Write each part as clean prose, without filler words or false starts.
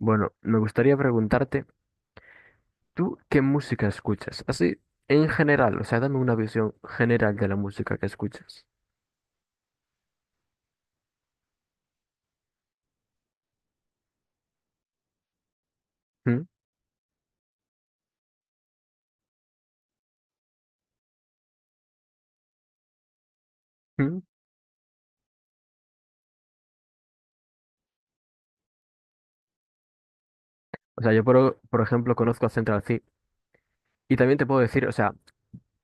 Bueno, me gustaría preguntarte, ¿tú qué música escuchas? Así, en general, o sea, dame una visión general de la música que escuchas. ¿Mm? ¿Mm? O sea, yo por ejemplo conozco a Central C y también te puedo decir, o sea,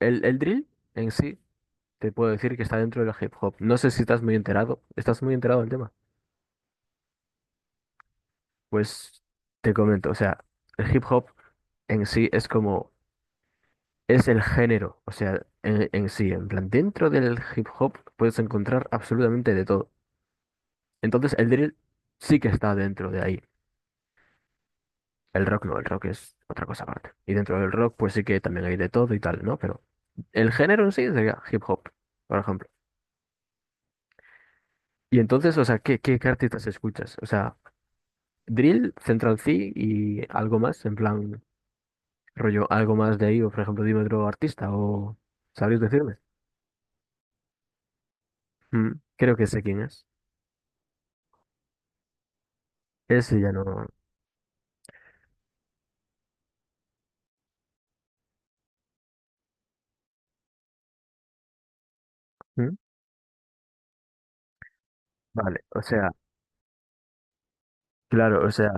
el drill en sí te puedo decir que está dentro del hip hop. No sé si estás muy enterado, ¿estás muy enterado del tema? Pues te comento, o sea, el hip hop en sí es como, es el género, o sea, en sí, en plan, dentro del hip hop puedes encontrar absolutamente de todo. Entonces el drill sí que está dentro de ahí. El rock no, el rock es otra cosa aparte. Y dentro del rock pues sí que también hay de todo y tal, ¿no? Pero el género en sí sería hip hop, por ejemplo. Y entonces, o sea, ¿qué, artistas escuchas? O sea, drill, Central C y algo más, en plan, rollo, algo más de ahí, o por ejemplo, dime otro artista, o ¿sabrías decirme? Creo que sé quién es. Ese ya no. Mm, vale, o sea, claro, o sea,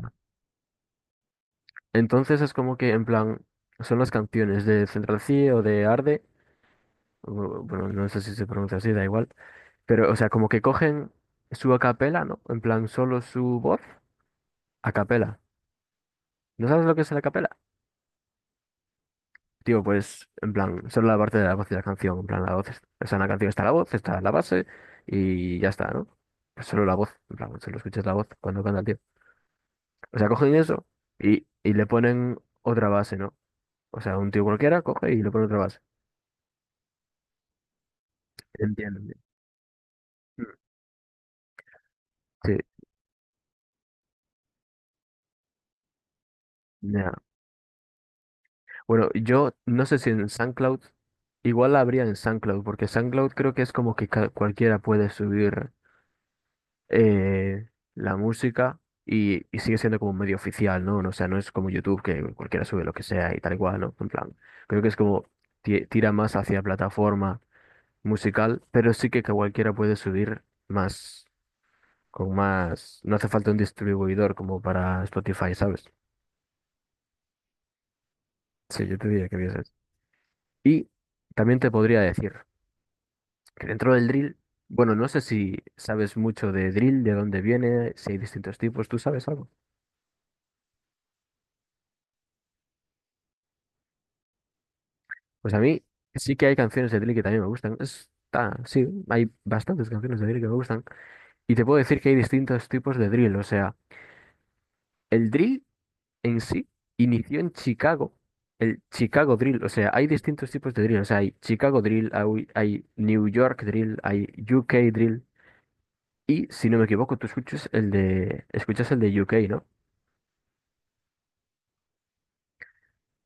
entonces es como que en plan, son las canciones de Central C o de Arde bueno, no sé si se pronuncia así, da igual. Pero, o sea, como que cogen su acapela, ¿no? En plan, solo su voz, acapela. ¿No sabes lo que es la acapela? Tío, pues, en plan, solo la parte de la voz de la canción. En plan, la voz, o sea, en la canción está la voz, está la base y ya está, ¿no? Pues solo la voz, en plan, solo escuchas la voz cuando canta el tío. O sea, cogen eso y le ponen otra base, ¿no? O sea, un tío cualquiera coge y le pone otra base. Entiendo. Sí, ya. Bueno, yo no sé si en SoundCloud, igual la habría en SoundCloud, porque SoundCloud creo que es como que cualquiera puede subir eh, la música y sigue siendo como medio oficial, ¿no? O sea, no es como YouTube que cualquiera sube lo que sea y tal y cual, ¿no? En plan, creo que es como tira más hacia plataforma musical, pero sí que cualquiera puede subir más, con más, no hace falta un distribuidor como para Spotify, ¿sabes? Sí, yo te diría que vieses. Y también te podría decir que dentro del drill, bueno, no sé si sabes mucho de drill, de dónde viene, si hay distintos tipos, ¿tú sabes algo? Pues a mí sí que hay canciones de drill que también me gustan. Está, sí, hay bastantes canciones de drill que me gustan. Y te puedo decir que hay distintos tipos de drill, o sea, el drill en sí inició en Chicago. El Chicago Drill, o sea, hay distintos tipos de drill, o sea, hay Chicago Drill, hay New York Drill, hay UK Drill, y si no me equivoco, tú escuchas el de UK, ¿no?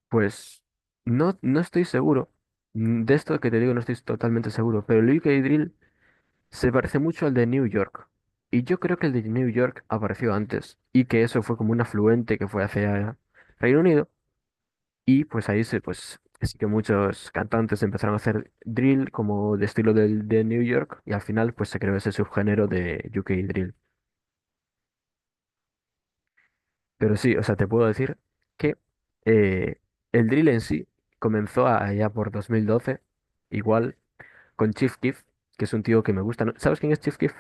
Pues no, no estoy seguro. De esto que te digo no estoy totalmente seguro, pero el UK Drill se parece mucho al de New York. Y yo creo que el de New York apareció antes y que eso fue como un afluente que fue hacia Reino Unido. Y pues pues sí que muchos cantantes empezaron a hacer drill como de estilo del de New York y al final pues se creó ese subgénero de UK Drill. Pero sí, o sea, te puedo decir que eh, el drill en sí comenzó allá por 2012. Igual con Chief Keef, que es un tío que me gusta, ¿no? ¿Sabes quién es Chief Keef?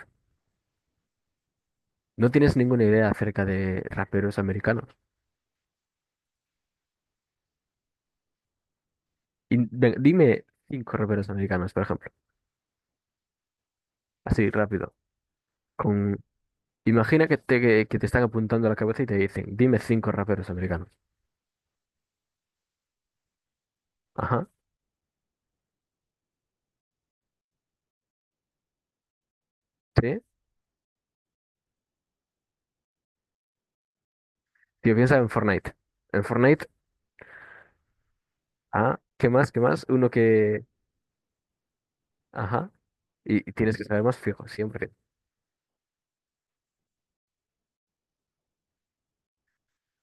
No tienes ninguna idea acerca de raperos americanos. Y dime cinco raperos americanos, por ejemplo. Así, rápido. Con... Imagina que te están apuntando a la cabeza y te dicen, dime cinco raperos americanos. Ajá. Sí. Tío, piensa en Fortnite. En Fortnite, ah, ¿qué más? ¿Qué más? Uno que... Ajá. Y tienes que saber más fijo, siempre.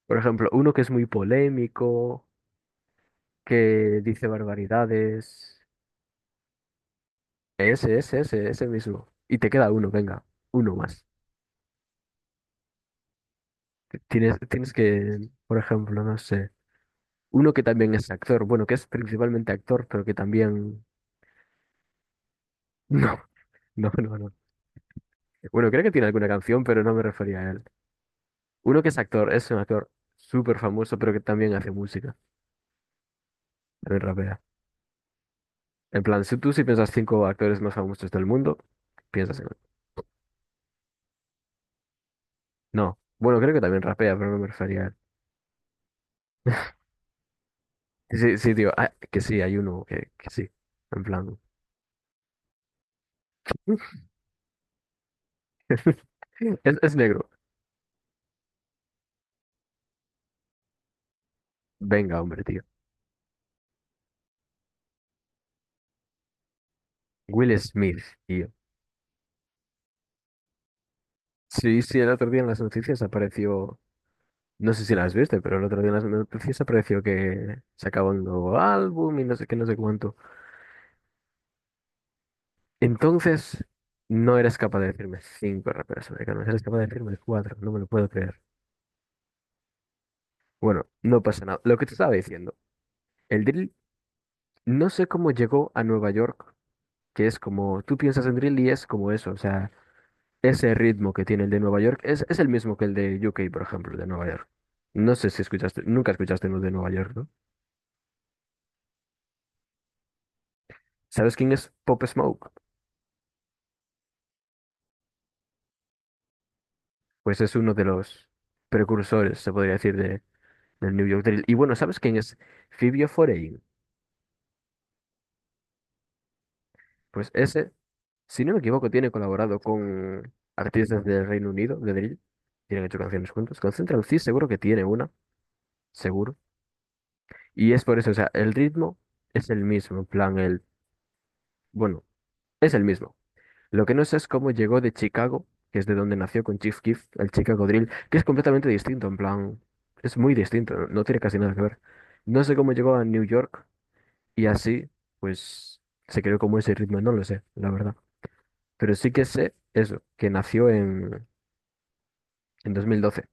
Por ejemplo, uno que es muy polémico, que dice barbaridades. Ese mismo. Y te queda uno, venga, uno más. Tienes que, por ejemplo, no sé, uno que también es actor, bueno, que es principalmente actor, pero que también... No, no, no, no. Bueno, creo que tiene alguna canción, pero no me refería a él. Uno que es actor, es un actor súper famoso, pero que también hace música, también rapea. En plan, si tú si piensas cinco actores más famosos del mundo, piensas en él. No, bueno, creo que también rapea, pero no me refería a él. Sí, sí, tío, ah, que sí, hay uno que sí, en plan... Es negro. Venga, hombre, tío. Will Smith, tío. Sí, sí, el otro día en las noticias apareció. No sé si las viste, pero el otro día en las noticias apareció que sacaba un nuevo álbum y no sé qué, no sé cuánto. Entonces, no eres capaz de decirme cinco raperos americanos, eres capaz de decirme cuatro, no me lo puedo creer. Bueno, no pasa nada. Lo que te estaba diciendo, el drill, no sé cómo llegó a Nueva York, que es como, tú piensas en drill y es como eso, o sea, ese ritmo que tiene el de Nueva York es el mismo que el de UK por ejemplo, de Nueva York. No sé si escuchaste, nunca escuchaste uno de Nueva York, ¿no? ¿Sabes quién es Pop Smoke? Pues es uno de los precursores, se podría decir, del New York Drill. Y bueno, ¿sabes quién es Fibio Foreign? Pues ese, si no me equivoco, tiene colaborado con artistas del Reino Unido, de Drill. Tienen hecho canciones juntos. Con Central C seguro que tiene una, seguro. Y es por eso, o sea, el ritmo es el mismo, en plan, el, bueno, es el mismo. Lo que no sé es cómo llegó de Chicago, que es de donde nació con Chief Keef, el Chicago Drill, que es completamente distinto, en plan, es muy distinto, no tiene casi nada que ver. No sé cómo llegó a New York y así, pues, se creó como ese ritmo, no lo sé, la verdad. Pero sí que sé eso, que nació en 2012.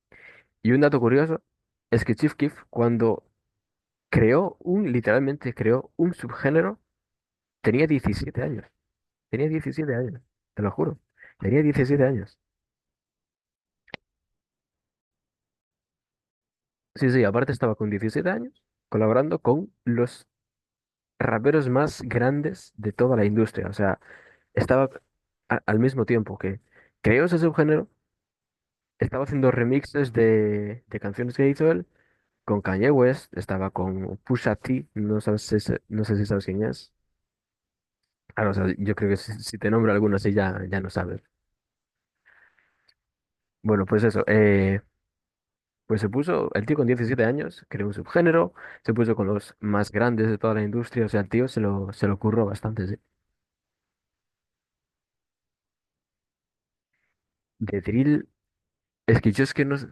Y un dato curioso es que Chief Keef, cuando creó un, literalmente creó un subgénero, tenía 17 años. Tenía 17 años, te lo juro. Tenía 17 años. Sí, sí, aparte estaba con 17 años colaborando con los raperos más grandes de toda la industria. O sea, estaba al mismo tiempo que creó ese subgénero, estaba haciendo remixes de canciones que hizo él con Kanye West, estaba con Pusha T, no sabes si no sé si sabes quién es. Claro, o sea, yo creo que si, te nombro alguno así ya no sabes. Bueno, pues eso, pues se puso, el tío con 17 años, creó un subgénero, se puso con los más grandes de toda la industria, o sea, el tío se lo curró bastante. Sí. De drill, es que yo es que no,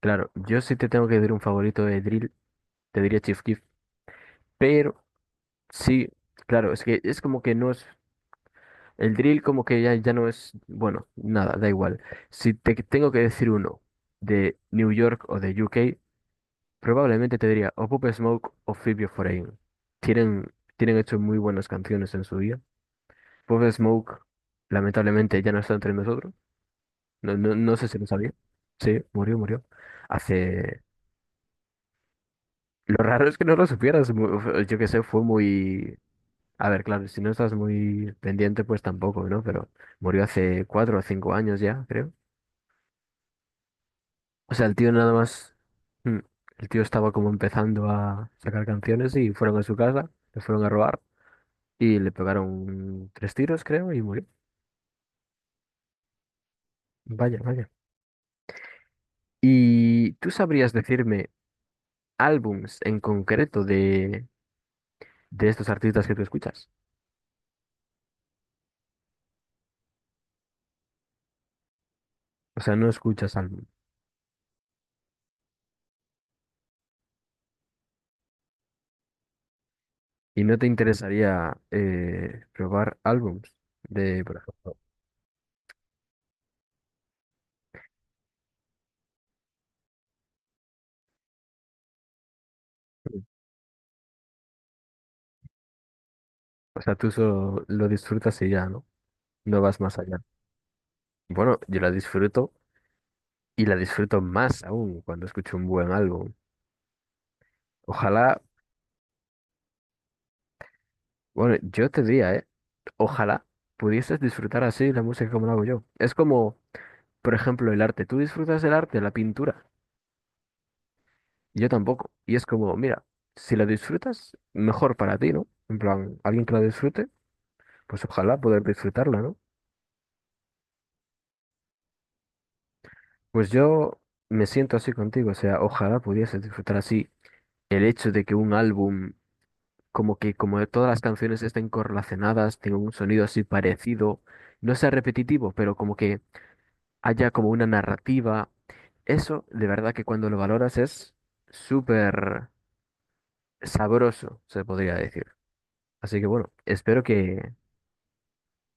claro, yo sí te tengo que decir un favorito de drill, te diría Chief Keef, pero sí, claro, es que es como que no es, el drill como que ya no es, bueno, nada, da igual. Si te tengo que decir uno de New York o de UK, probablemente te diría o Pop Smoke o Fibio Foreign. Tienen hecho muy buenas canciones en su día. Bob Smoke, lamentablemente, ya no está entre nosotros. No, no, no sé si lo sabía. Sí, murió, murió. Hace... Lo raro es que no lo supieras. Yo qué sé, fue muy... A ver, claro, si no estás muy pendiente, pues tampoco, ¿no? Pero murió hace 4 o 5 años ya, creo. O sea, el tío nada más... mm, el tío estaba como empezando a sacar canciones y fueron a su casa, le fueron a robar y le pegaron tres tiros, creo, y murió. Vaya, vaya. ¿Y tú sabrías decirme... álbums en concreto de estos artistas que tú escuchas? O sea, no escuchas álbum. Y no te interesaría probar álbums de, por ejemplo. O sea, tú solo lo disfrutas y ya, ¿no? No vas más allá. Bueno, yo la disfruto y la disfruto más aún cuando escucho un buen álbum. Ojalá, bueno, yo te diría, ¿eh? Ojalá pudieses disfrutar así la música como la hago yo. Es como, por ejemplo, el arte. ¿Tú disfrutas del arte, la pintura? Yo tampoco. Y es como, mira, si la disfrutas, mejor para ti, ¿no? En plan, alguien que la disfrute, pues ojalá poder disfrutarla, ¿no? Pues yo me siento así contigo, o sea, ojalá pudiese disfrutar así el hecho de que un álbum, como que como todas las canciones estén correlacionadas, tengan un sonido así parecido, no sea repetitivo, pero como que haya como una narrativa. Eso, de verdad que cuando lo valoras es súper sabroso, se podría decir. Así que bueno, espero que...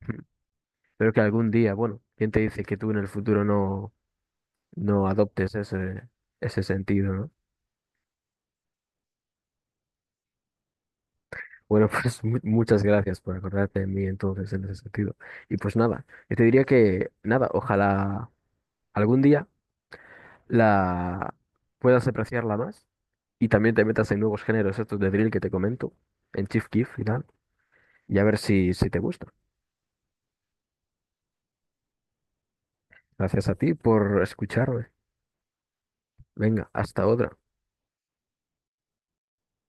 Pero que algún día, bueno, ¿quién te dice que tú en el futuro no adoptes ese, ese sentido, ¿no? Bueno, pues muchas gracias por acordarte de mí entonces en ese sentido. Y pues nada, yo te diría que nada, ojalá algún día la puedas apreciarla más y también te metas en nuevos géneros estos de drill que te comento, en Chief Keef y tal, y a ver si te gusta. Gracias a ti por escucharme. Venga, hasta otra.